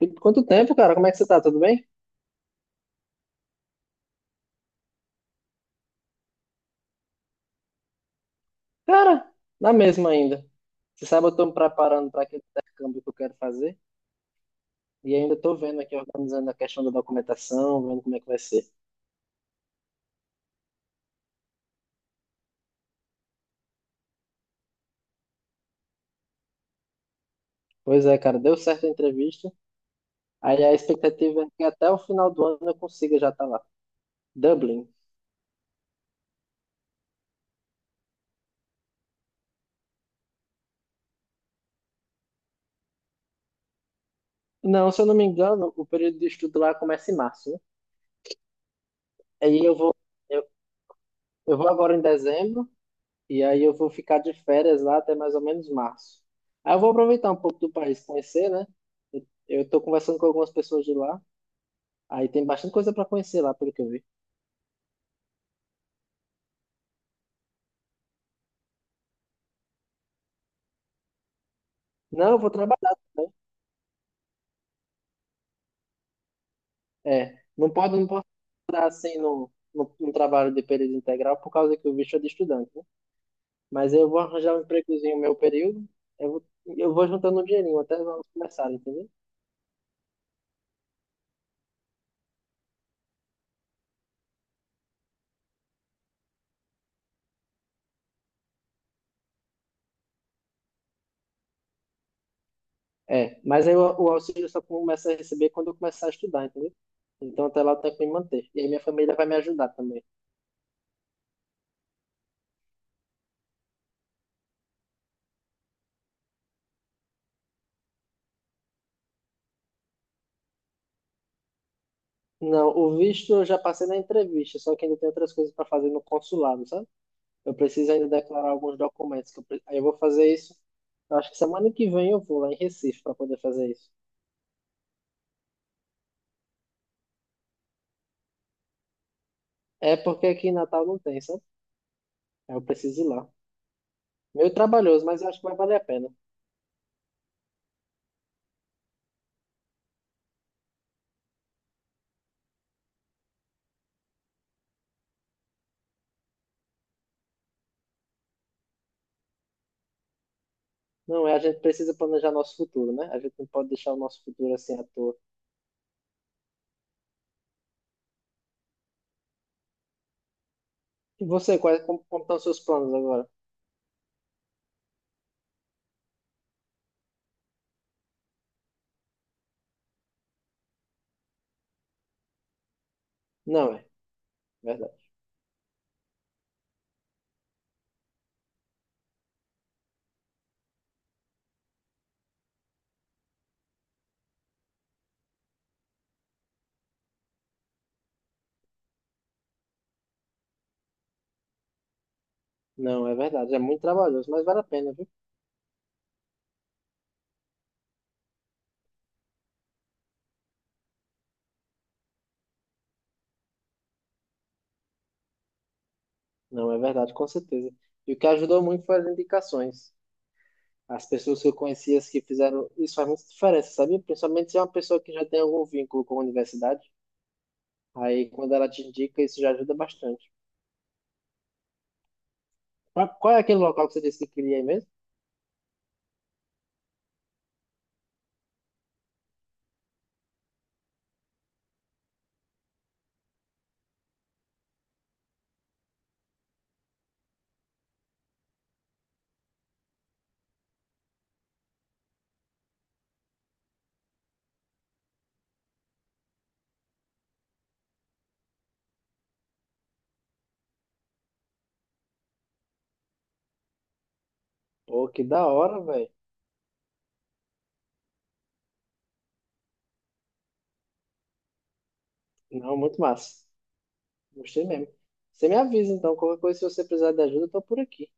E quanto tempo, cara? Como é que você tá? Tudo bem? Cara, na mesma ainda. Você sabe, eu tô me preparando para aquele intercâmbio que eu quero fazer e ainda tô vendo aqui, organizando a questão da documentação, vendo como é que vai ser. Pois é, cara, deu certo a entrevista. Aí a expectativa é que até o final do ano eu consiga já estar lá. Dublin. Não, se eu não me engano, o período de estudo lá começa em março, né? Aí eu vou, eu, eu vou agora em dezembro. E aí eu vou ficar de férias lá até mais ou menos março. Aí eu vou aproveitar um pouco do país, conhecer, né? Eu tô conversando com algumas pessoas de lá. Aí tem bastante coisa para conhecer lá, pelo que eu vi. Não, eu vou trabalhar também. É, não pode me botar assim no trabalho de período integral por causa que o bicho é de estudante, né? Mas eu vou arranjar um empregozinho no meu período. Eu vou, eu vou juntando um dinheirinho até nós começar, entendeu? É, mas aí o auxílio eu só começa a receber quando eu começar a estudar, entendeu? Então até lá eu tenho que me manter. E aí minha família vai me ajudar também. Não, o visto eu já passei na entrevista, só que ainda tem outras coisas para fazer no consulado, sabe? Eu preciso ainda declarar alguns documentos. Aí eu vou fazer isso. Eu acho que semana que vem eu vou lá em Recife para poder fazer isso. É porque aqui em Natal não tem, sabe? Aí eu preciso ir lá. Meio trabalhoso, mas eu acho que vai valer a pena. Não, é, a gente precisa planejar nosso futuro, né? A gente não pode deixar o nosso futuro assim à toa. E você, como estão os seus planos agora? Não, é verdade. Não, é verdade. É muito trabalhoso, mas vale a pena, viu? Não, é verdade, com certeza. E o que ajudou muito foi as indicações. As pessoas que eu conhecia que fizeram isso faz muita diferença, sabia? Principalmente se é uma pessoa que já tem algum vínculo com a universidade. Aí, quando ela te indica, isso já ajuda bastante. Mas qual é aquele local que você disse que queria ir mesmo? Pô, que da hora, velho. Não, muito massa. Gostei mesmo. Você me avisa, então, qualquer coisa, se você precisar de ajuda, eu tô por aqui.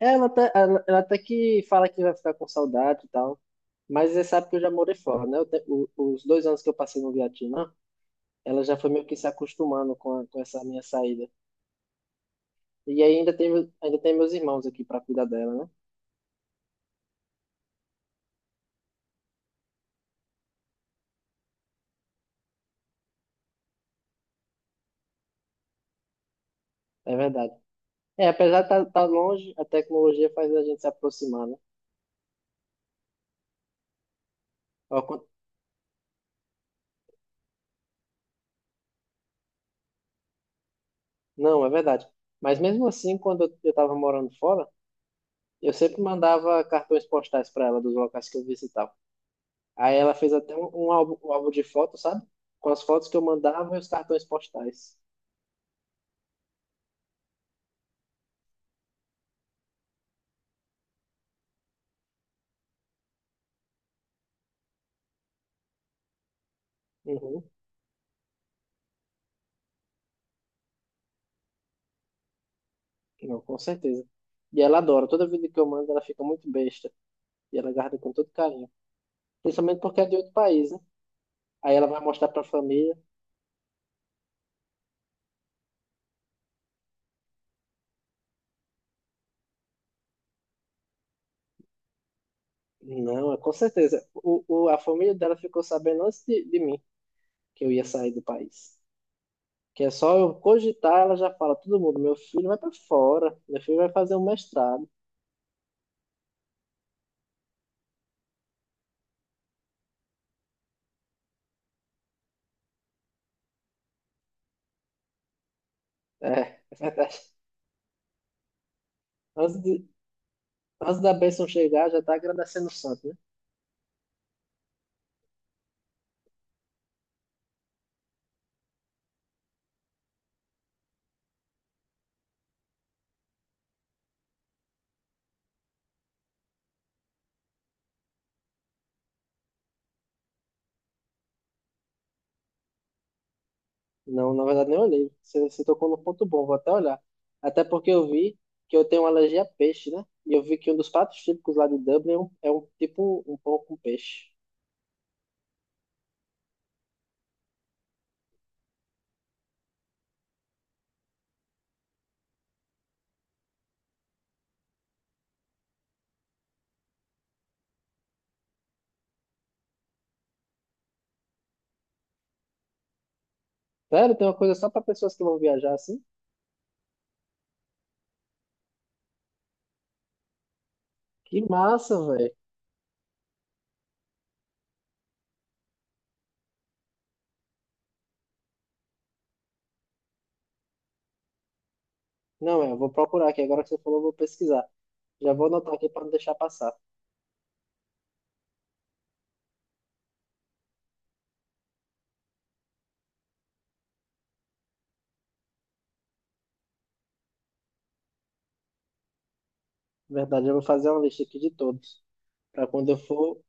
Ela até que fala que vai ficar com saudade e tal. Mas você sabe que eu já morei fora, né? Os 2 anos que eu passei no Vietnã. Ela já foi meio que se acostumando com, com essa minha saída. E aí ainda tem, ainda tem meus irmãos aqui para cuidar dela, né? É verdade. É, apesar de estar tá longe, a tecnologia faz a gente se aproximar, né? Ó, quan- Não, é verdade. Mas mesmo assim, quando eu estava morando fora, eu sempre mandava cartões postais para ela dos locais que eu visitava. Aí ela fez até um álbum, um álbum de fotos, sabe? Com as fotos que eu mandava e os cartões postais. Uhum. Não, com certeza. E ela adora. Toda vida que eu mando, ela fica muito besta. E ela guarda com todo carinho. Principalmente porque é de outro país, né? Aí ela vai mostrar pra família. Não, é com certeza. A família dela ficou sabendo antes de mim que eu ia sair do país. Que é só eu cogitar, ela já fala, todo mundo, meu filho vai pra fora, meu filho vai fazer um mestrado. É, é verdade. Antes, de, antes da bênção chegar, já tá agradecendo o santo, né? Não, na verdade, nem olhei. Você tocou no ponto bom, vou até olhar. Até porque eu vi que eu tenho uma alergia a peixe, né? E eu vi que um dos pratos típicos lá de Dublin é um tipo um pão com peixe. Sério, tem uma coisa só para pessoas que vão viajar assim? Que massa, velho. Não, é, eu vou procurar aqui. Agora que você falou, eu vou pesquisar. Já vou anotar aqui para não deixar passar. Na verdade, eu vou fazer uma lista aqui de todos. Para quando eu for.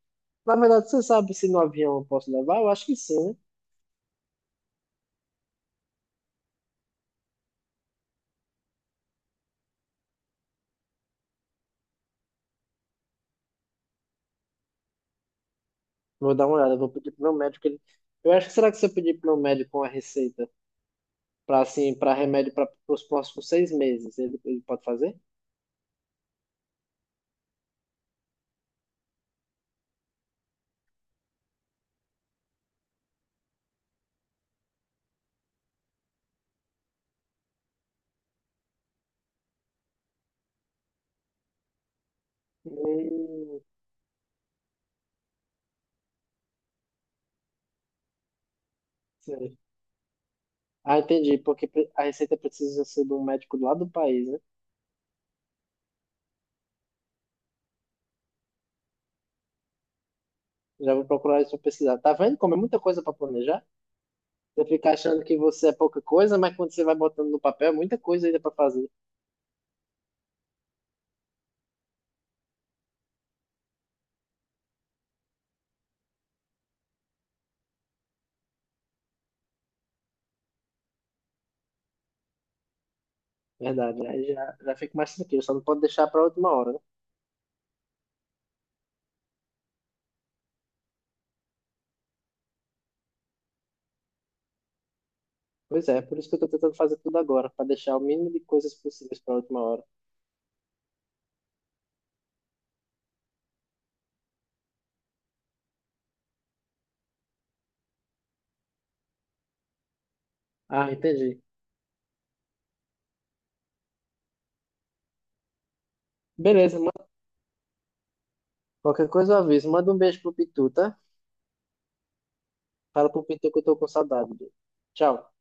Na verdade, você sabe se no avião eu posso levar? Eu acho que sim, né? Vou dar uma olhada. Eu vou pedir pro meu médico. Ele... Eu acho que será que se eu pedir pro meu médico uma receita para assim, para remédio para os próximos 6 meses, ele pode fazer? Hum, sei. Ah, entendi. A receita precisa ser de um médico lá do país, né? Já vou procurar isso pra pesquisar. Tá vendo como é muita coisa pra planejar? Você fica achando que você é pouca coisa, mas quando você vai botando no papel, é muita coisa ainda pra fazer. Verdade, né? Aí já fica mais tranquilo, só não pode deixar pra última hora, né? Pois é, por isso que eu tô tentando fazer tudo agora, pra deixar o mínimo de coisas possíveis pra última hora. Ah, entendi. Beleza, qualquer coisa eu aviso. Manda um beijo pro Pitu, tá? Fala pro Pitu que eu tô com saudade dele. Tchau.